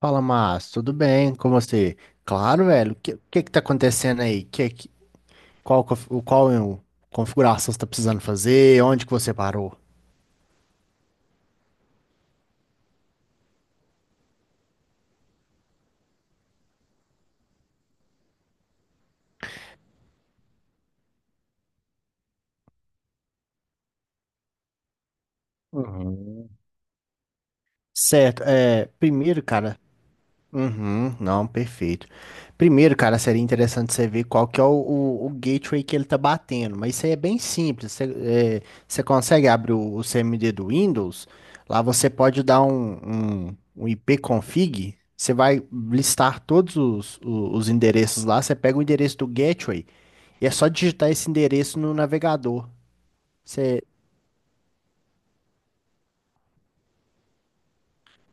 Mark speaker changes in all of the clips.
Speaker 1: Fala, Márcio, tudo bem? Como você? Claro, velho. O que que tá acontecendo aí? Qual é o- configuração você tá precisando fazer? Onde que você parou? Uhum. Certo. Primeiro, cara, uhum, não, perfeito. Primeiro, cara, seria interessante você ver qual que é o gateway que ele tá batendo, mas isso aí é bem simples. Você, você consegue abrir o CMD do Windows, lá você pode dar um ipconfig, você vai listar todos os endereços lá, você pega o endereço do gateway e é só digitar esse endereço no navegador.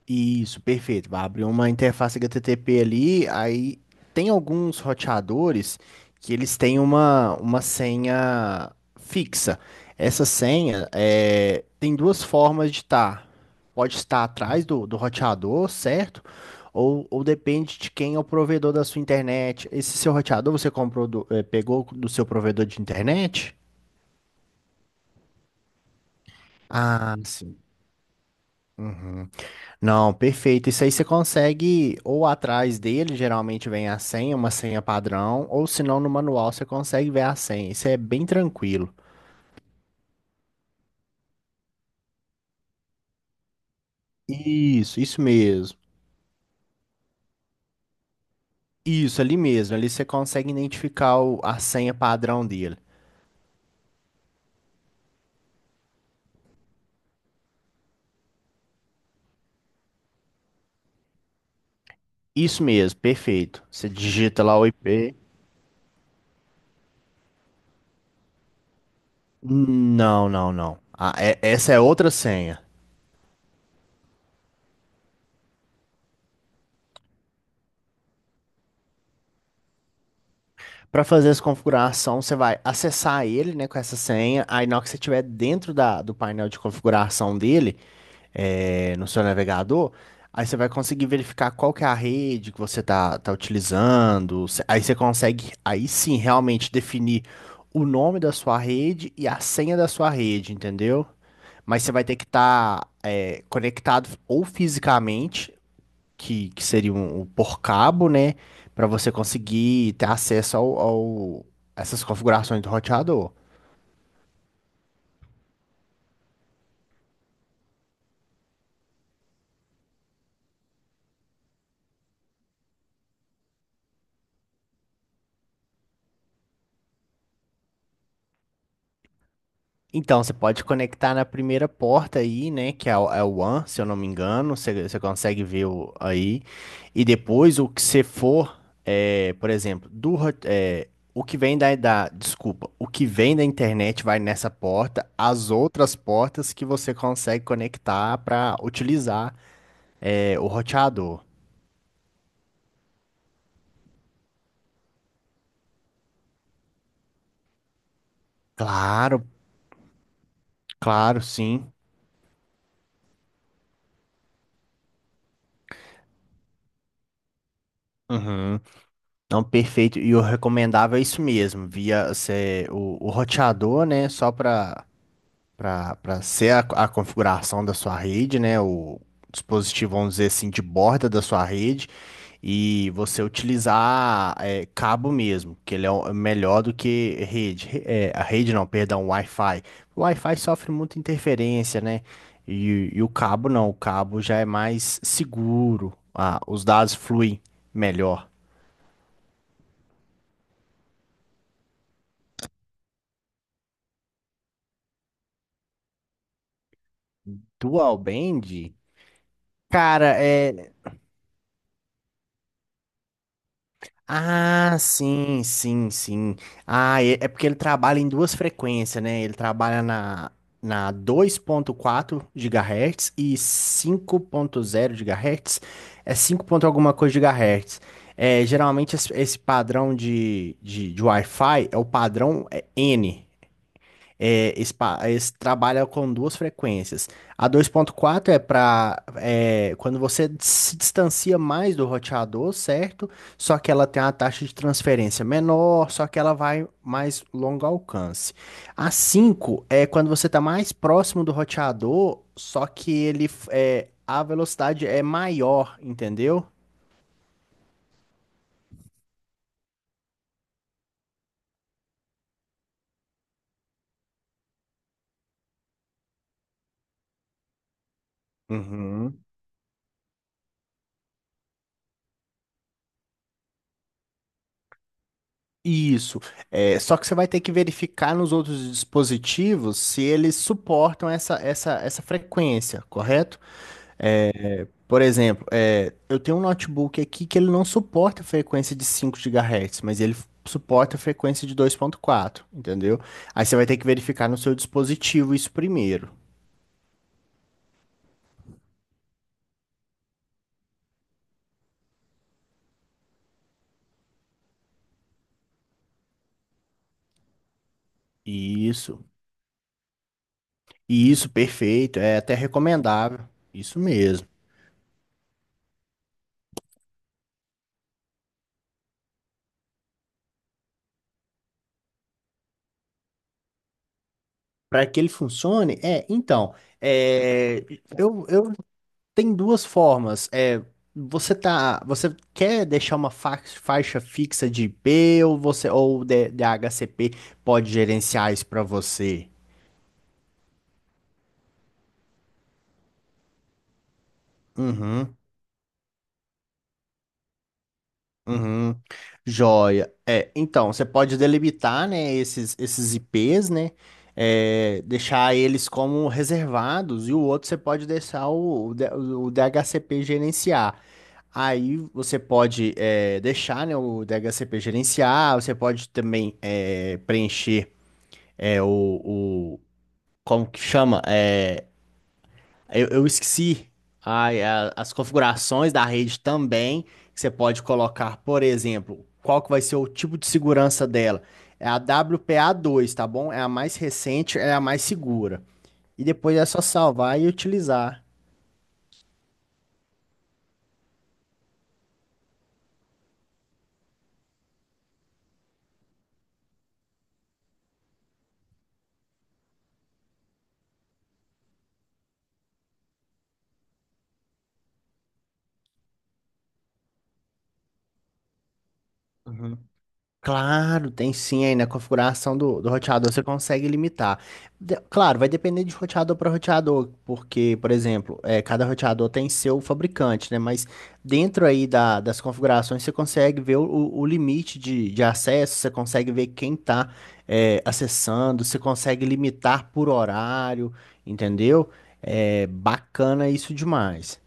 Speaker 1: Isso, perfeito. Vai abrir uma interface HTTP ali, aí tem alguns roteadores que eles têm uma senha fixa. Essa senha tem duas formas de estar. Pode estar atrás do roteador, certo? Ou depende de quem é o provedor da sua internet. Esse seu roteador você comprou pegou do seu provedor de internet? Ah, sim. Não, perfeito. Isso aí você consegue, ou atrás dele, geralmente vem a senha, uma senha padrão, ou se não, no manual você consegue ver a senha. Isso é bem tranquilo. Isso mesmo. Isso, ali mesmo. Ali você consegue identificar a senha padrão dele. Isso mesmo, perfeito. Você digita lá o IP. Não, não, não. Ah, essa é outra senha. Para fazer essa configuração, você vai acessar ele, né, com essa senha. Aí, na hora que você estiver dentro do painel de configuração dele, no seu navegador, aí você vai conseguir verificar qual que é a rede que você tá utilizando. Aí você consegue, aí sim, realmente definir o nome da sua rede e a senha da sua rede, entendeu? Mas você vai ter que estar conectado ou fisicamente, que seria um por cabo, né? Para você conseguir ter acesso ao essas configurações do roteador. Então, você pode conectar na primeira porta aí, né? Que é é o One, se eu não me engano. Você consegue ver o, aí. E depois, o que você for, por exemplo, o que vem da. Desculpa. O que vem da internet vai nessa porta. As outras portas que você consegue conectar para utilizar o roteador. Claro, claro, sim. Uhum. Não, perfeito. E o recomendável é isso mesmo, via cê, o roteador, né? Só para para ser a configuração da sua rede, né? O dispositivo, vamos dizer assim, de borda da sua rede. E você utilizar cabo mesmo, que ele é é melhor do que rede. A rede não, perdão, Wi-Fi. O Wi-Fi sofre muita interferência, né? E o cabo não, o cabo já é mais seguro. Ah, os dados fluem melhor. Dual band, cara, é. Ah, sim, sim, sim. Ah, é porque ele trabalha em duas frequências, né? Ele trabalha na dois ponto quatro GHz e cinco ponto zero GHz. É 5 ponto alguma coisa GHz. É, geralmente esse padrão de Wi-Fi é o padrão N. Esse, esse trabalha com duas frequências. A dois ponto quatro é para quando você se distancia mais do roteador, certo? Só que ela tem uma taxa de transferência menor, só que ela vai mais longo alcance. A 5 é quando você está mais próximo do roteador, só que ele a velocidade é maior, entendeu? Uhum. Isso. É, só que você vai ter que verificar nos outros dispositivos se eles suportam essa frequência, correto? Por exemplo, eu tenho um notebook aqui que ele não suporta a frequência de 5 gigahertz mas ele suporta a frequência de dois ponto quatro entendeu? Aí você vai ter que verificar no seu dispositivo isso primeiro. Isso. Isso, perfeito. É até recomendável. Isso mesmo. Para que ele funcione, é, então, é, eu tem duas formas. É, você quer deixar uma faixa fixa de I P ou você ou o de HCP pode gerenciar isso para você? Uhum. Uhum. Joia. É, então, você pode delimitar, né, esses IPs, né? Deixar eles como reservados e o outro você pode deixar o DHCP gerenciar. Aí você pode deixar, né, o DHCP gerenciar, você pode também preencher é, o, o- como que chama? Eu esqueci as configurações da rede também, que você pode colocar, por exemplo, qual que vai ser o tipo de segurança dela. É a WPA2, tá bom? É a mais recente, é a mais segura. E depois é só salvar e utilizar. Claro, tem sim aí na configuração do roteador você consegue limitar. Claro, vai depender de roteador para roteador, porque, por exemplo, cada roteador tem seu fabricante, né? Mas dentro aí das configurações você consegue ver o limite de acesso, você consegue ver quem está acessando, você consegue limitar por horário, entendeu? É bacana isso demais.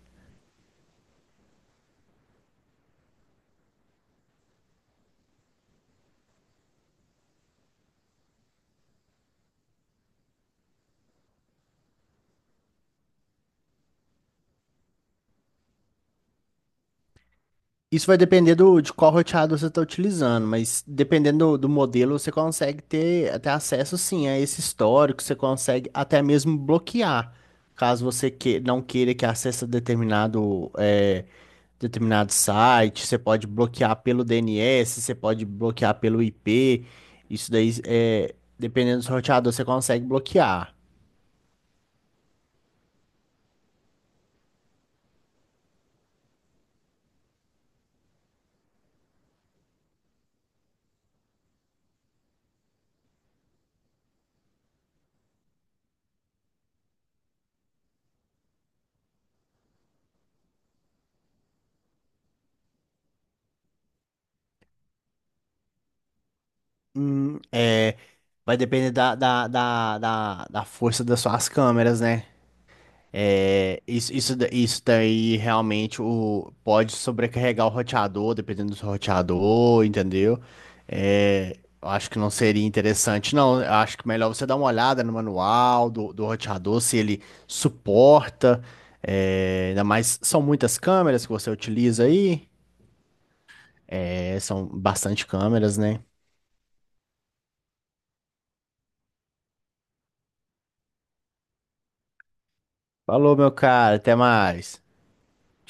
Speaker 1: Isso vai depender de qual roteador você está utilizando, mas dependendo do modelo, você consegue ter até acesso sim a esse histórico, você consegue até mesmo bloquear, caso você não queira que acesse determinado, determinado site, você pode bloquear pelo DNS, você pode bloquear pelo IP, isso daí, dependendo do roteador, você consegue bloquear. É, vai depender da força das suas câmeras, né? Isso daí realmente pode sobrecarregar o roteador, dependendo do roteador, entendeu? É, eu acho que não seria interessante, não. Eu acho que melhor você dar uma olhada no manual do roteador, se ele suporta. É, ainda mais, são muitas câmeras que você utiliza aí. É, são bastante câmeras, né? Falou, meu cara, até mais.